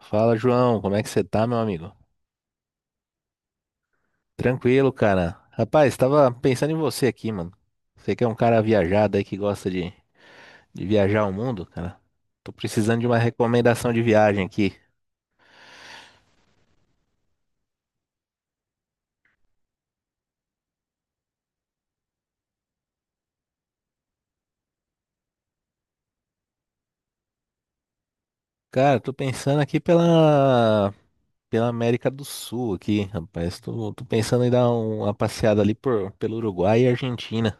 Fala, João, como é que você tá, meu amigo? Tranquilo, cara. Rapaz, tava pensando em você aqui, mano. Você que é um cara viajado aí que gosta de viajar o mundo, cara. Tô precisando de uma recomendação de viagem aqui. Cara, tô pensando aqui pela América do Sul aqui, rapaz. Tô pensando em dar uma passeada ali pelo Uruguai e Argentina.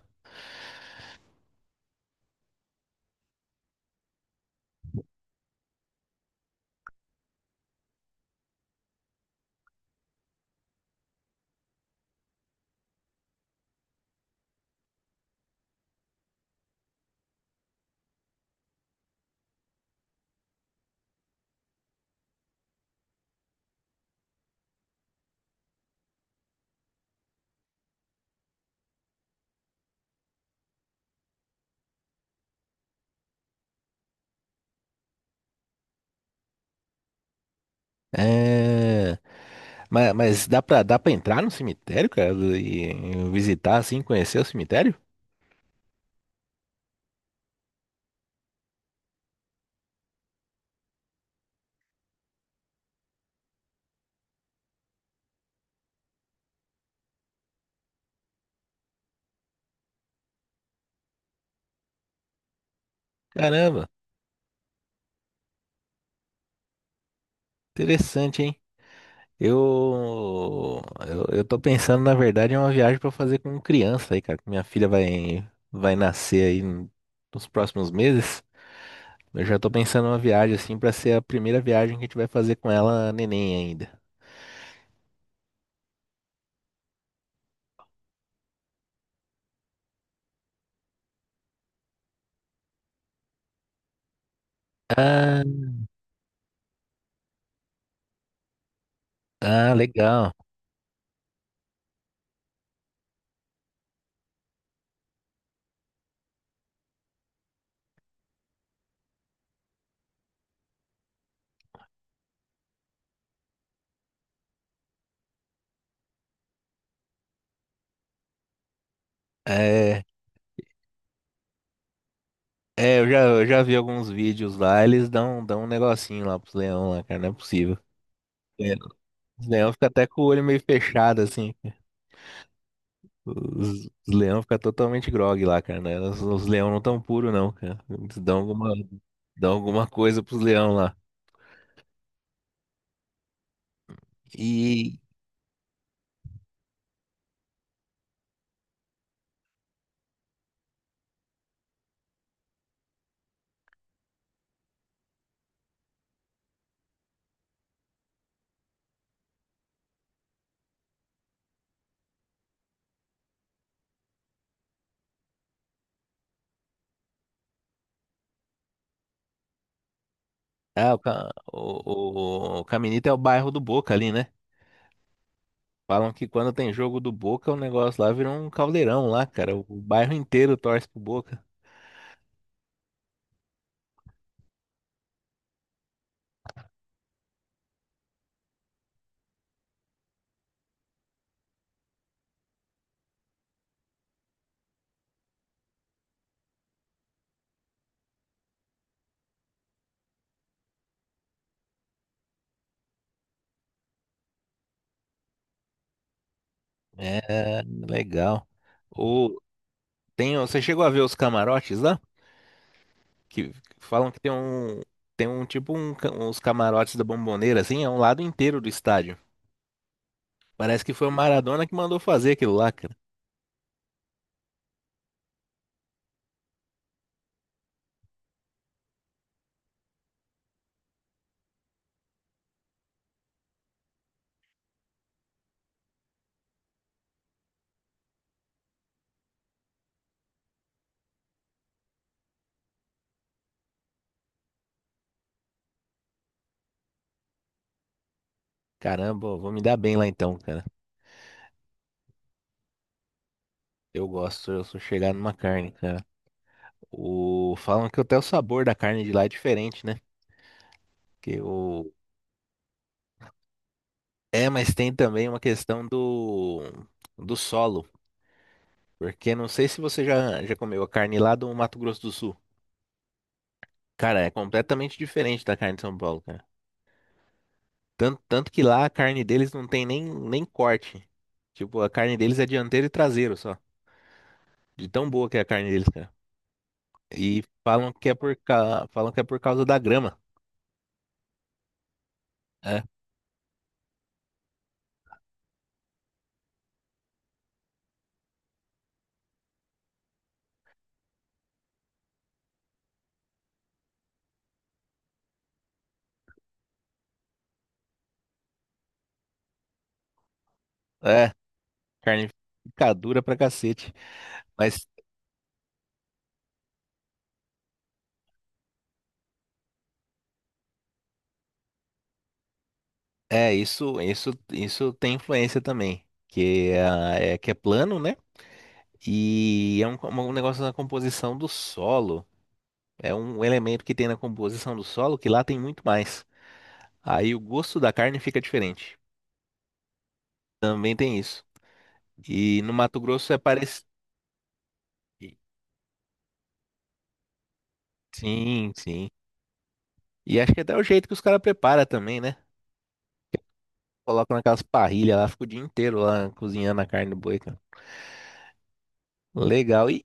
É, mas dá pra entrar no cemitério, cara, e visitar assim, conhecer o cemitério? Caramba, interessante, hein? Eu, eu tô pensando, na verdade, em uma viagem pra fazer com criança aí, cara. Que Minha filha vai nascer nos próximos meses. Eu já tô pensando em uma viagem assim pra ser a primeira viagem que a gente vai fazer com ela, neném ainda. Ah, ah, legal. É. É, eu já vi alguns vídeos lá, dão um negocinho lá pros leão lá, cara, não é possível. É, os leão ficam até com o olho meio fechado, assim. Os leão ficam totalmente grogue lá, cara, né? Os leão não tão puro, não, cara. Dão alguma coisa pros leão lá. E, o Caminito é o bairro do Boca ali, né? Falam que quando tem jogo do Boca, o negócio lá vira um caldeirão lá, cara. O bairro inteiro torce pro Boca. É, legal. Tem, você chegou a ver os camarotes lá? Que falam que tem uns camarotes da Bomboneira, assim, é um lado inteiro do estádio. Parece que foi o Maradona que mandou fazer aquilo lá, cara. Caramba, eu vou me dar bem lá então, cara. Eu gosto, eu sou chegado numa carne, cara. O, falam que até o sabor da carne de lá é diferente, né? Que o, mas tem também uma questão do solo. Porque não sei se você já comeu a carne lá do Mato Grosso do Sul. Cara, é completamente diferente da carne de São Paulo, cara. Tanto que lá a carne deles não tem nem corte. Tipo, a carne deles é dianteiro e traseiro só. De tão boa que é a carne deles, cara. E falam que é falam que é por causa da grama. É, é, carne fica dura pra cacete. Mas é, isso tem influência também. Que é plano, né? E é um negócio na composição do solo. É um elemento que tem na composição do solo que lá tem muito mais. Aí o gosto da carne fica diferente. Também tem isso. E no Mato Grosso é parecido. Sim, sim. E acho que até o jeito que os caras preparam também, né? Colocam naquelas parrilhas lá, fica o dia inteiro lá cozinhando a carne do boi, cara. Legal. e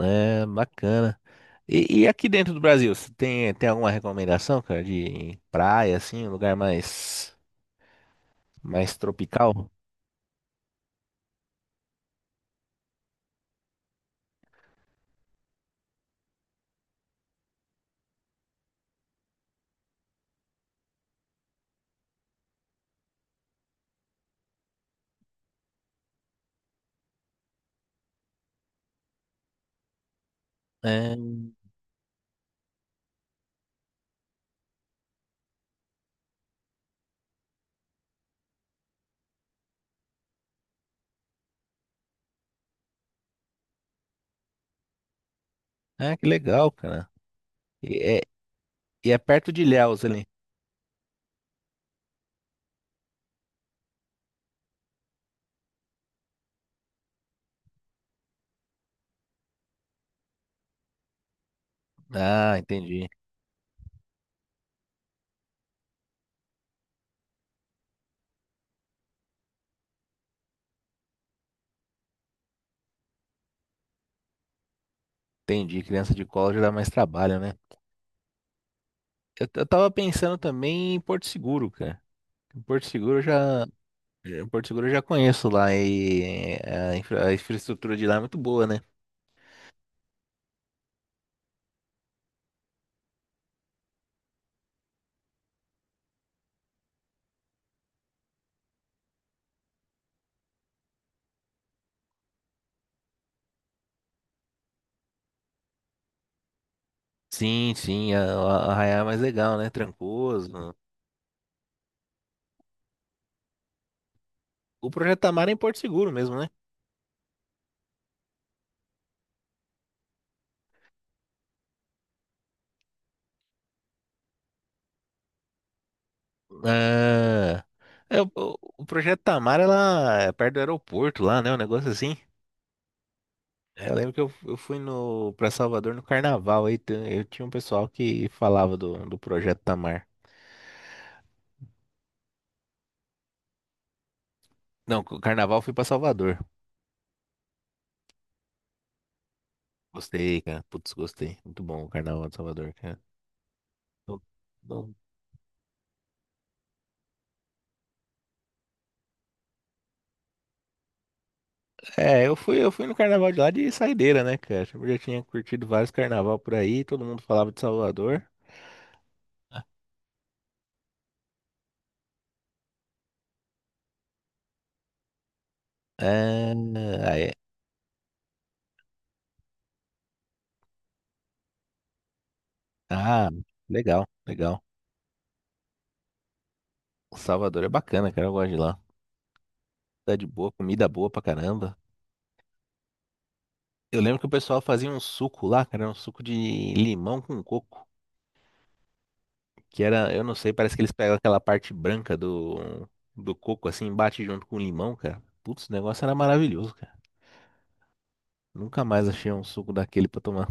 é, Bacana. E e aqui dentro do Brasil, você tem alguma recomendação, cara, de praia, assim, um lugar mais tropical? É, ah, que legal, cara. E é, e é perto de Ilhéus ali. Ah, entendi. Entendi. Criança de colo já dá mais trabalho, né? Eu tava pensando também em Porto Seguro, cara. Porto Seguro eu já, Porto Seguro eu já conheço lá e é, a, a infraestrutura de lá é muito boa, né? Sim, sim, a Arraial é mais legal, né? Trancoso. O Projeto Tamar é em Porto Seguro mesmo, né? Ah, é, o Projeto Tamar é lá é perto do aeroporto lá, né? Um negócio assim. Eu lembro que eu fui no para Salvador no Carnaval eu tinha um pessoal que falava do Projeto Tamar. Não, o Carnaval eu fui para Salvador. Gostei, cara. Putz, gostei. Muito bom o Carnaval de Salvador, cara. Não- não- É, eu fui no carnaval de lá de saideira, né, cara? Eu já tinha curtido vários carnaval por aí, todo mundo falava de Salvador. É, aí, ah, legal, legal. Salvador é bacana, cara, eu gosto de lá. Cidade boa, comida boa pra caramba. Eu lembro que o pessoal fazia um suco lá, cara, um suco de limão com coco, que era, eu não sei, parece que eles pegam aquela parte branca do coco assim, e bate junto com o limão, cara. Putz, o negócio era maravilhoso, cara. Nunca mais achei um suco daquele pra tomar.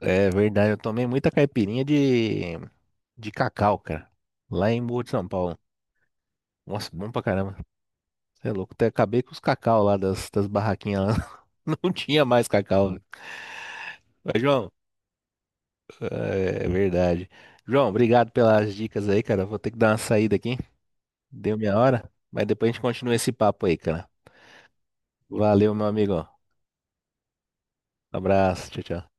É verdade, eu tomei muita caipirinha de cacau, cara. Lá em Boa de São Paulo. Nossa, bom pra caramba. Você é louco. Até acabei com os cacau lá das barraquinhas lá. Não tinha mais cacau. Mas, João, é verdade. João, obrigado pelas dicas aí, cara. Vou ter que dar uma saída aqui. Deu minha hora. Mas depois a gente continua esse papo aí, cara. Valeu, meu amigo. Abraço. Tchau, tchau.